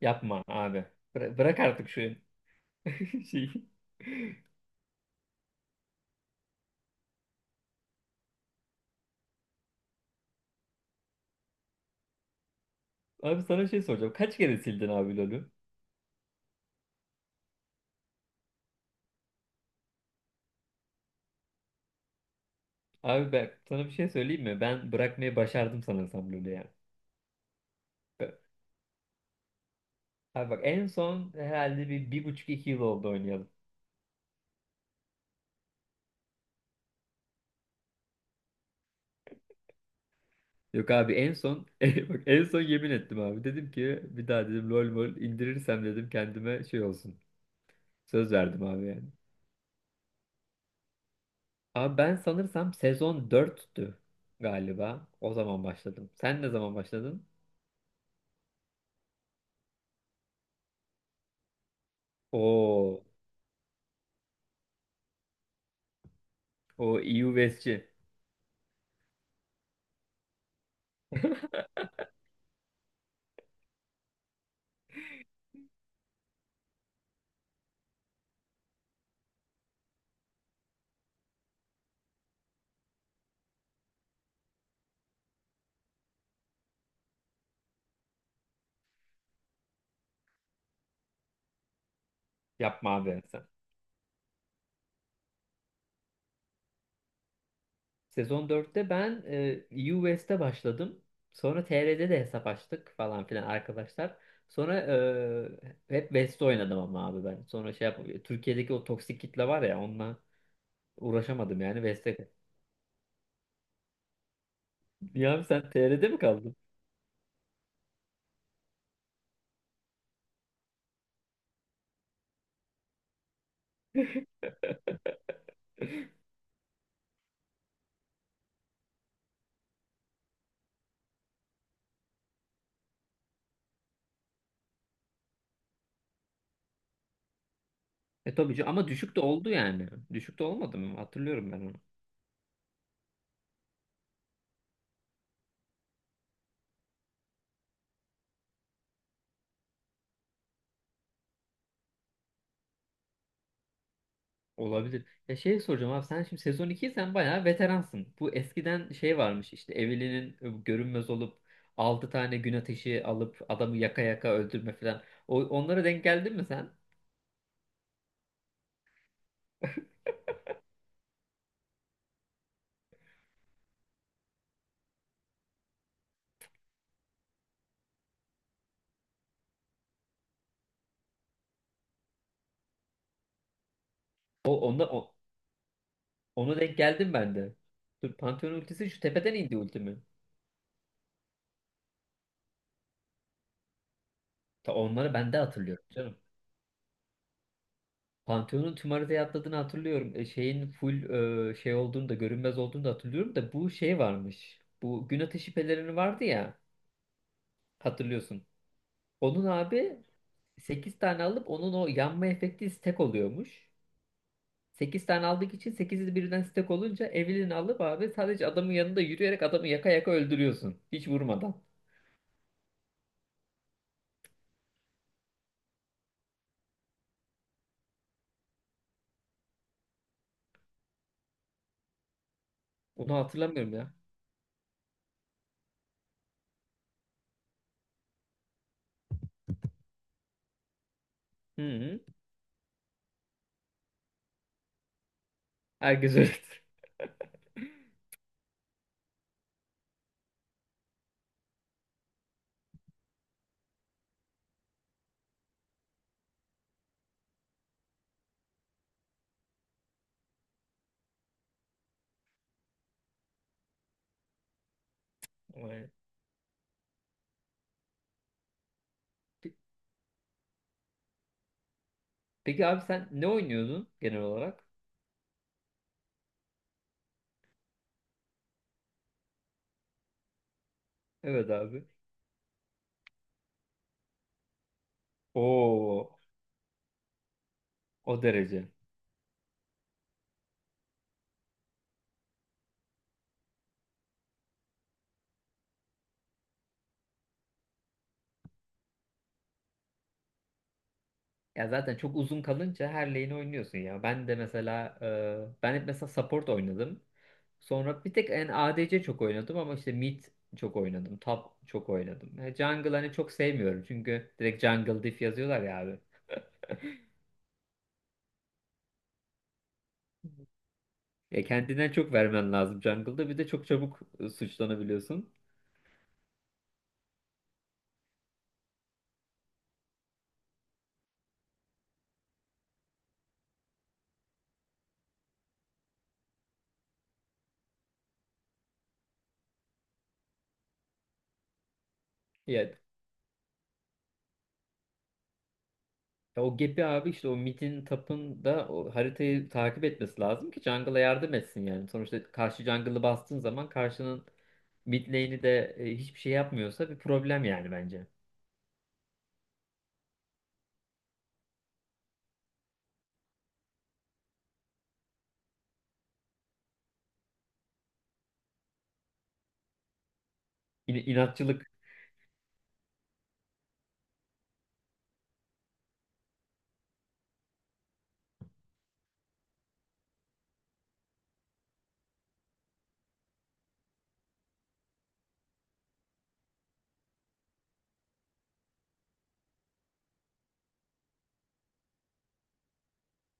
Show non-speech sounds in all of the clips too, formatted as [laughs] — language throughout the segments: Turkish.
Yapma abi. Bırak artık şu [laughs] şeyi. Abi sana şey soracağım. Kaç kere sildin abi LoL'ü? Abi ben sana bir şey söyleyeyim mi? Ben bırakmayı başardım sanırsam LoL'ü ya. Be- Abi bak en son herhalde bir, bir buçuk iki yıl oldu oynayalım. Yok abi en son [laughs] bak en son yemin ettim abi. Dedim ki bir daha dedim LoL mol indirirsem dedim kendime şey olsun. Söz verdim abi yani. Abi ben sanırsam sezon dörttü galiba. O zaman başladım. Sen ne zaman başladın? Oo. O EU West'ci. [laughs] Yapma abi sen. Sezon dörtte ben EU West'e başladım. Sonra TR'de de hesap açtık falan filan arkadaşlar. Sonra hep West'te oynadım ama abi ben. Sonra şey yap Türkiye'deki o toksik kitle var ya onunla uğraşamadım yani West'e. Ya abi sen TR'de mi kaldın? E tabii ki ama düşük de oldu yani. Düşük de olmadı mı? Hatırlıyorum ben onu. Olabilir. Ya şey soracağım abi sen şimdi sezon 2 sen bayağı veteransın. Bu eskiden şey varmış işte Eveline'in görünmez olup 6 tane gün ateşi alıp adamı yaka yaka öldürme falan. Onlara denk geldin mi sen? O, onda, o- Ona denk geldim ben de. Dur Pantheon ultisi şu tepeden indi ultimi. Ta onları ben de hatırlıyorum canım. Pantheon'un tüm haritaya atladığını hatırlıyorum. E, şeyin full şey olduğunu da görünmez olduğunu da hatırlıyorum da bu şey varmış. Bu gün ateşi pelerini vardı ya hatırlıyorsun. Onun abi 8 tane alıp onun o yanma efekti stack oluyormuş. 8 tane aldık için 8'i birden stack olunca Evelyn'i alıp abi sadece adamın yanında yürüyerek adamı yaka yaka öldürüyorsun. Hiç vurmadan. Onu hatırlamıyorum ya. Hı hı. Herkes öyledir. [laughs] Aynen. Pe- Peki abi sen ne oynuyordun genel olarak? Evet abi. Oo, o derece. Ya zaten çok uzun kalınca her lane'i oynuyorsun ya. Ben de mesela ben hep mesela support oynadım. Sonra bir tek en ADC çok oynadım ama işte mid çok oynadım. Top çok oynadım. Yani jungle hani çok sevmiyorum çünkü direkt jungle diff yazıyorlar ya abi. Ya kendinden çok vermen lazım jungle'da bir de çok çabuk suçlanabiliyorsun. Ya, ya o gap'i abi işte o mid'in tap'ın da o haritayı takip etmesi lazım ki jungle'a yardım etsin yani. Sonuçta karşı jungle'ı bastığın zaman karşının mid lane'i de hiçbir şey yapmıyorsa bir problem yani bence. İnatçılık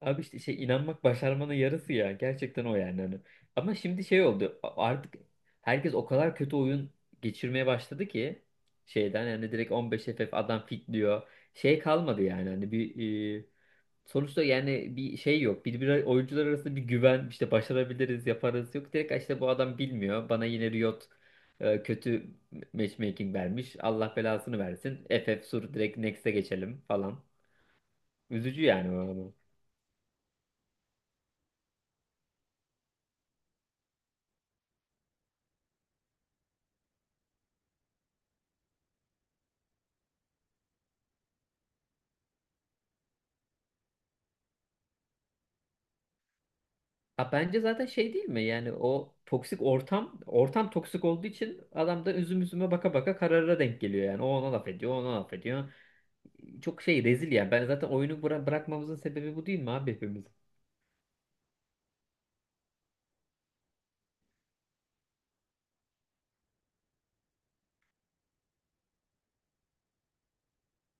Abi işte şey inanmak başarmanın yarısı ya. Gerçekten o yani. Hani. Ama şimdi şey oldu. Artık herkes o kadar kötü oyun geçirmeye başladı ki şeyden yani direkt 15 FF adam fitliyor. Şey kalmadı yani. Hani bir sonuçta yani bir şey yok. Bir, oyuncular arasında bir güven işte başarabiliriz, yaparız yok. Direkt işte bu adam bilmiyor. Bana yine Riot kötü matchmaking vermiş. Allah belasını versin. FF sur direkt next'e geçelim falan. Üzücü yani o. Ha, bence zaten şey değil mi? Yani o toksik ortam, ortam toksik olduğu için adam da üzüm üzüme baka baka karara denk geliyor yani. O ona laf ediyor, o ona laf ediyor. Çok şey rezil yani. Ben zaten oyunu bırakmamızın sebebi bu değil mi abi hepimiz?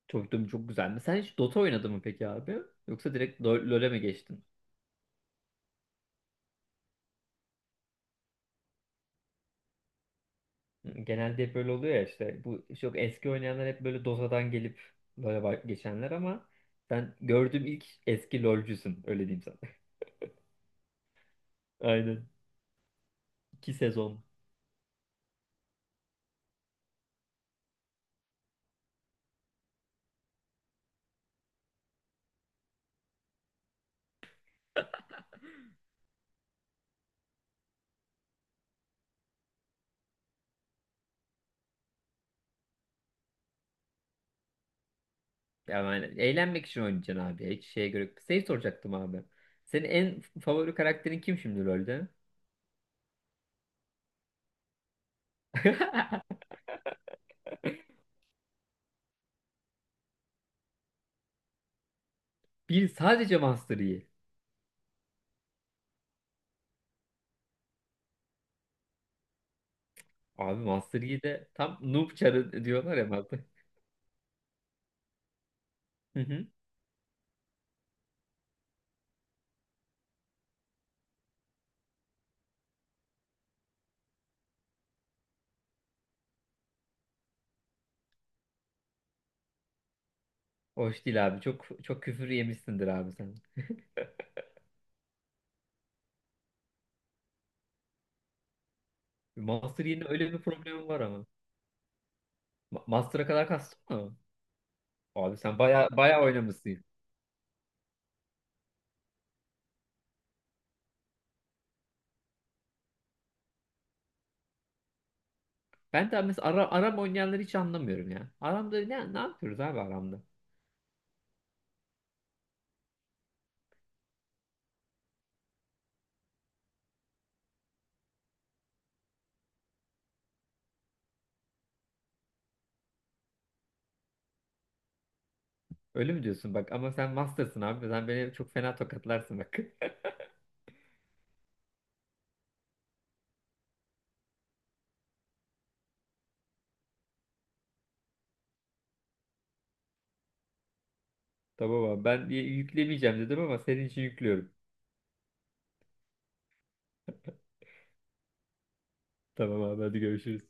Çocukluğum çok güzel mi? Sen hiç Dota oynadın mı peki abi? Yoksa direkt LoL'e mi geçtin? Genelde hep böyle oluyor ya işte. Bu çok eski oynayanlar hep böyle Dota'dan gelip LoL'e geçenler ama ben gördüğüm ilk eski LoL'cüsün öyle diyeyim sana. [laughs] Aynen. İki sezon. Yani eğlenmek için oynayacaksın abi. Hiç şeye göre. Şey soracaktım abi. Senin en favori karakterin kim şimdi LoL'de? [laughs] Bir sadece Master Yi. Abi Master Yi de tam noob çarı diyorlar ya Master. Hı hı. Hoş değil abi. Çok çok küfür yemişsindir abi sen. Master Yi'nin öyle bir problemi var ama. Master'a kadar kastın mı? Abi sen baya baya oynamışsın. Ben de mesela Aram oynayanları hiç anlamıyorum ya. Aram'da ne yapıyoruz abi Aram'da? Öyle mi diyorsun bak ama sen master'sın abi. Sen beni çok fena tokatlarsın bak. [laughs] Tamam abi ben yüklemeyeceğim dedim ama senin için yüklüyorum. Tamam abi hadi görüşürüz.